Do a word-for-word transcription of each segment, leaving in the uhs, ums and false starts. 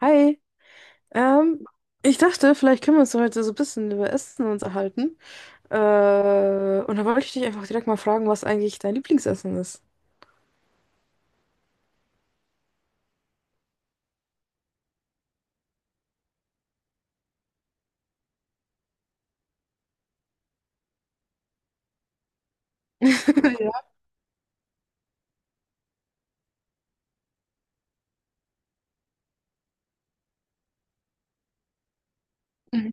Hi, ähm, ich dachte, vielleicht können wir uns heute so ein bisschen über Essen uns erhalten. Äh, und da wollte ich dich einfach direkt mal fragen, was eigentlich dein Lieblingsessen ist. Ja. Mhm.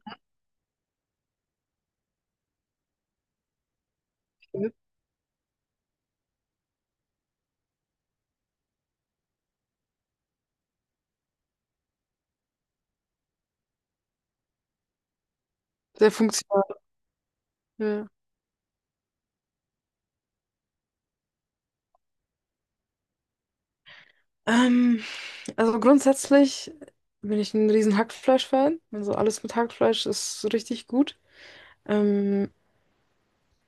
Sehr funktional. Ja. Ähm, also grundsätzlich bin ich ein riesen Hackfleisch-Fan. Also alles mit Hackfleisch ist richtig gut. Ähm,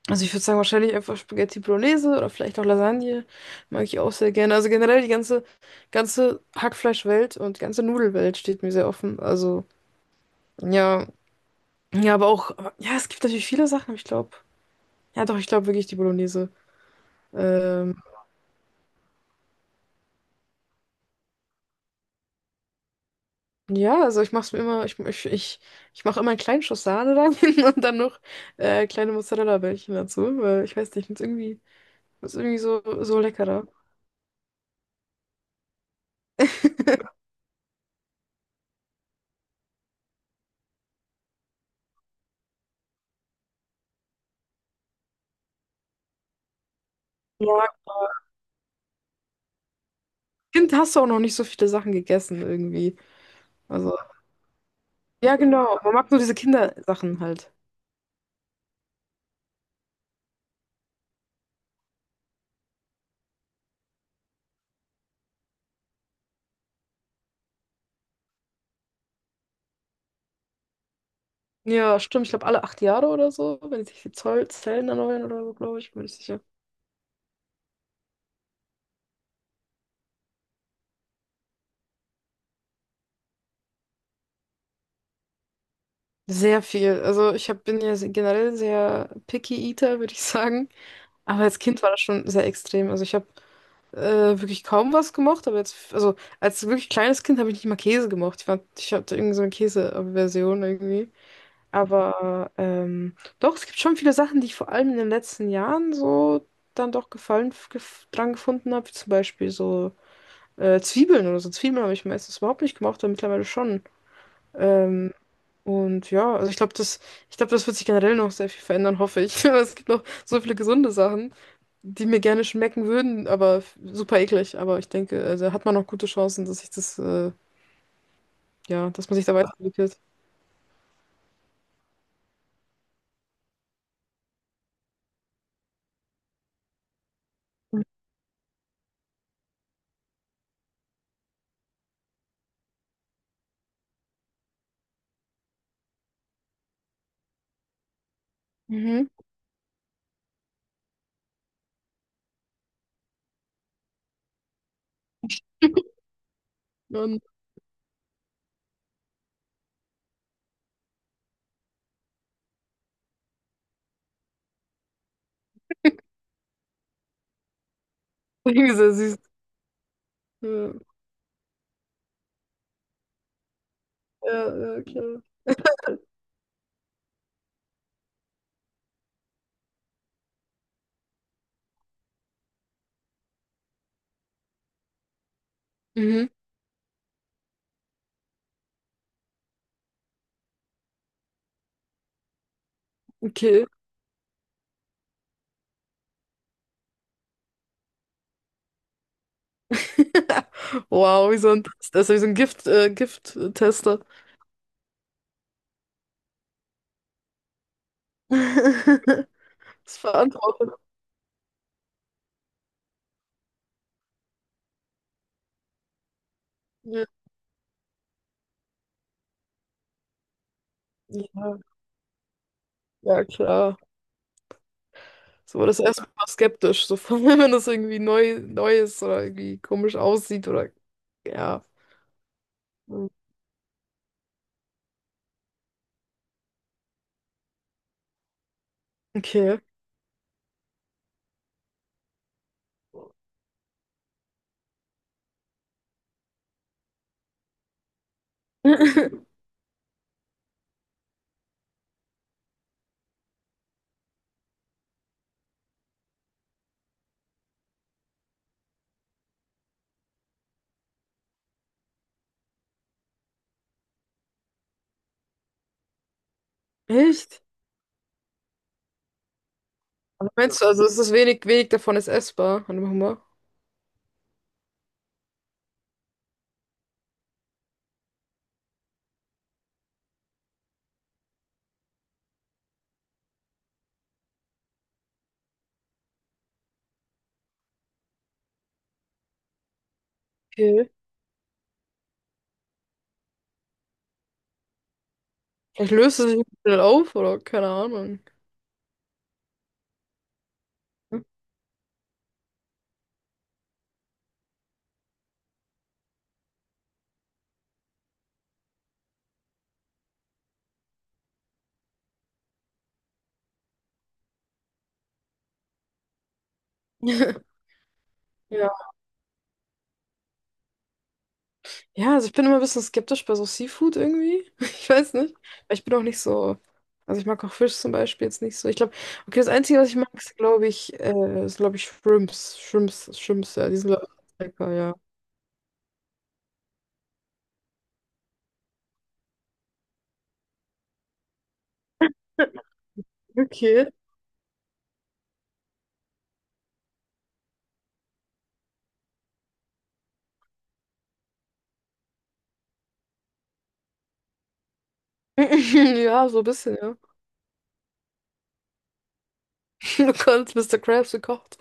also ich würde sagen, wahrscheinlich einfach Spaghetti Bolognese oder vielleicht auch Lasagne. Mag ich auch sehr gerne. Also generell die ganze, ganze Hackfleischwelt und die ganze Nudelwelt steht mir sehr offen. Also. Ja, ja, aber auch, aber- ja, es gibt natürlich viele Sachen, aber ich glaube. Ja, doch, ich glaube wirklich die Bolognese. Ähm, ja, also ich mache mir immer, ich, ich, ich, ich mache immer einen kleinen Schuss Sahne rein und dann noch äh, kleine Mozzarella-Bällchen dazu, weil ich weiß nicht, ich finde es irgendwie, find's irgendwie so, so leckerer. Ja, Kind hast du auch noch nicht so viele Sachen gegessen irgendwie. Also, ja, genau, man mag nur diese Kindersachen halt. Ja, stimmt, ich glaube alle acht Jahre oder so, wenn sich die Zoll Zellen erneuern oder so, glaube ich, bin ich sicher. Sehr viel. Also ich hab, bin ja se- generell sehr picky Eater, würde ich sagen. Aber als Kind war das schon sehr extrem. Also ich habe äh, wirklich kaum was gemocht, aber jetzt, also als wirklich kleines Kind habe ich nicht mal Käse gemocht. Ich fand, ich hatte irgendwie so eine Käseaversion irgendwie. Aber ähm, doch, es gibt schon viele Sachen, die ich vor allem in den letzten Jahren so dann doch Gefallen gef dran gefunden habe, wie zum Beispiel so äh, Zwiebeln oder so. Zwiebeln habe ich meistens überhaupt nicht gemocht, aber mittlerweile schon. Ähm, und ja, also ich glaube, das, ich glaube, das wird sich generell noch sehr viel verändern, hoffe ich. Es gibt noch so viele gesunde Sachen, die mir gerne schmecken würden, aber f- super eklig. Aber ich denke, also hat man noch gute Chancen, dass sich das, äh, ja, dass man sich da weiterentwickelt. Mhm. Und irgendwie sehr süß. Ja, ja, ja, klar. Mhm, okay. Wow, wie so ein, das ist wie so ein Gift, äh, Gift-Tester. Das verantwortet. Ja, ja, ja, klar. So war das erstmal skeptisch, so vor allem, wenn das irgendwie neu, neu ist oder irgendwie komisch aussieht oder ja. Hm. Okay. Echt? Aber meinst du, also es ist wenig, wenig davon ist essbar. Warte mal. Okay. Vielleicht löst es sich schnell auf oder keine Ahnung. Ja. Ja, also ich bin immer ein bisschen skeptisch bei so Seafood irgendwie. Ich weiß nicht. Weil ich bin auch nicht so. Also ich mag auch Fisch zum Beispiel jetzt nicht so. Ich glaube, okay, das Einzige, was ich mag, ist, glaube ich, äh, ist, glaube ich, Shrimps. Shrimps, Shrimps, ja, die sind, glaube ich, lecker, ja. Okay. Ja, so ein bisschen, ja. Du kannst Mister Krabs gekocht.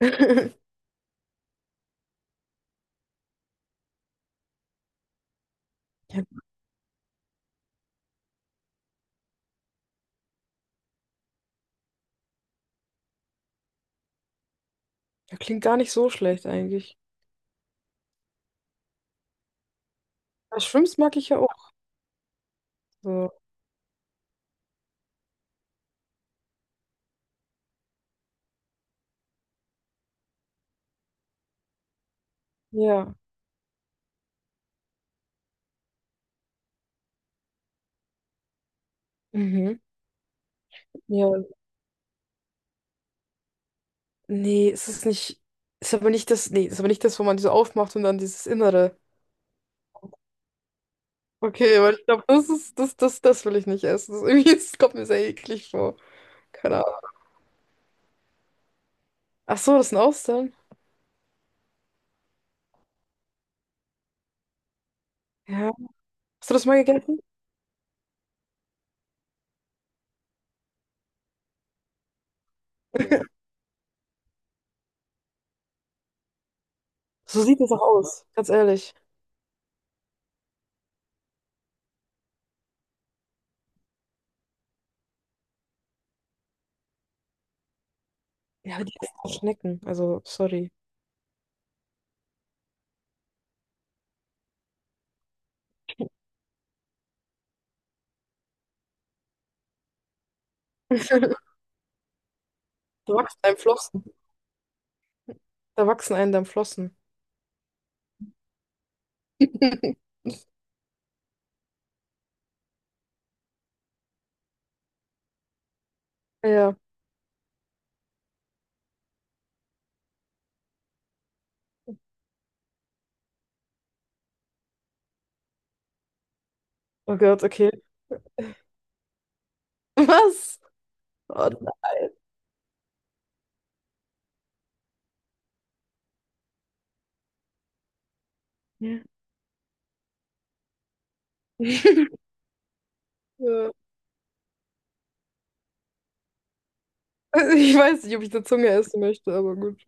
Ja, das klingt gar nicht so schlecht eigentlich. Aber Shrimps mag ich ja auch. So. Ja. Mhm. Ja. Nee, es ist nicht. Ist aber nicht das. Nee, ist aber nicht das, wo man die so aufmacht und dann dieses Innere. Okay, aber ich glaube, das ist, das, das, das will ich nicht essen. Das ist irgendwie, das kommt mir sehr eklig vor. Keine Ahnung. Ach so, das sind Austern. Ja. Hast du das mal gegessen? So sieht das auch aus, ganz ehrlich. Ja, aber die essen auch Schnecken, also sorry. Da wachsen einem Flossen. Da wachsen einem dann Flossen. Ja. Oh Gott, okay. Was? Oh nein. Ja. Also ich weiß nicht, ob ich eine Zunge essen möchte, aber gut.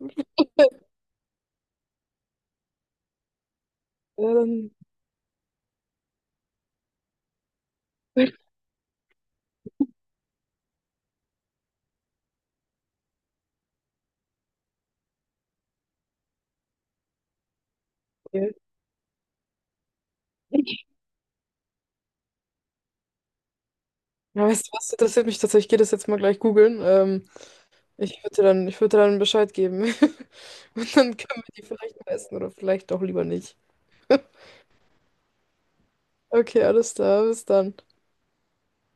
Ja, dann. Okay. Ja, weißt du was, interessiert mich tatsächlich. Ich gehe das jetzt mal gleich googeln. Ähm, Ich würde dann, ich würde dann Bescheid geben. Und dann können wir die vielleicht mal essen oder vielleicht auch lieber nicht. Okay, alles klar, bis dann.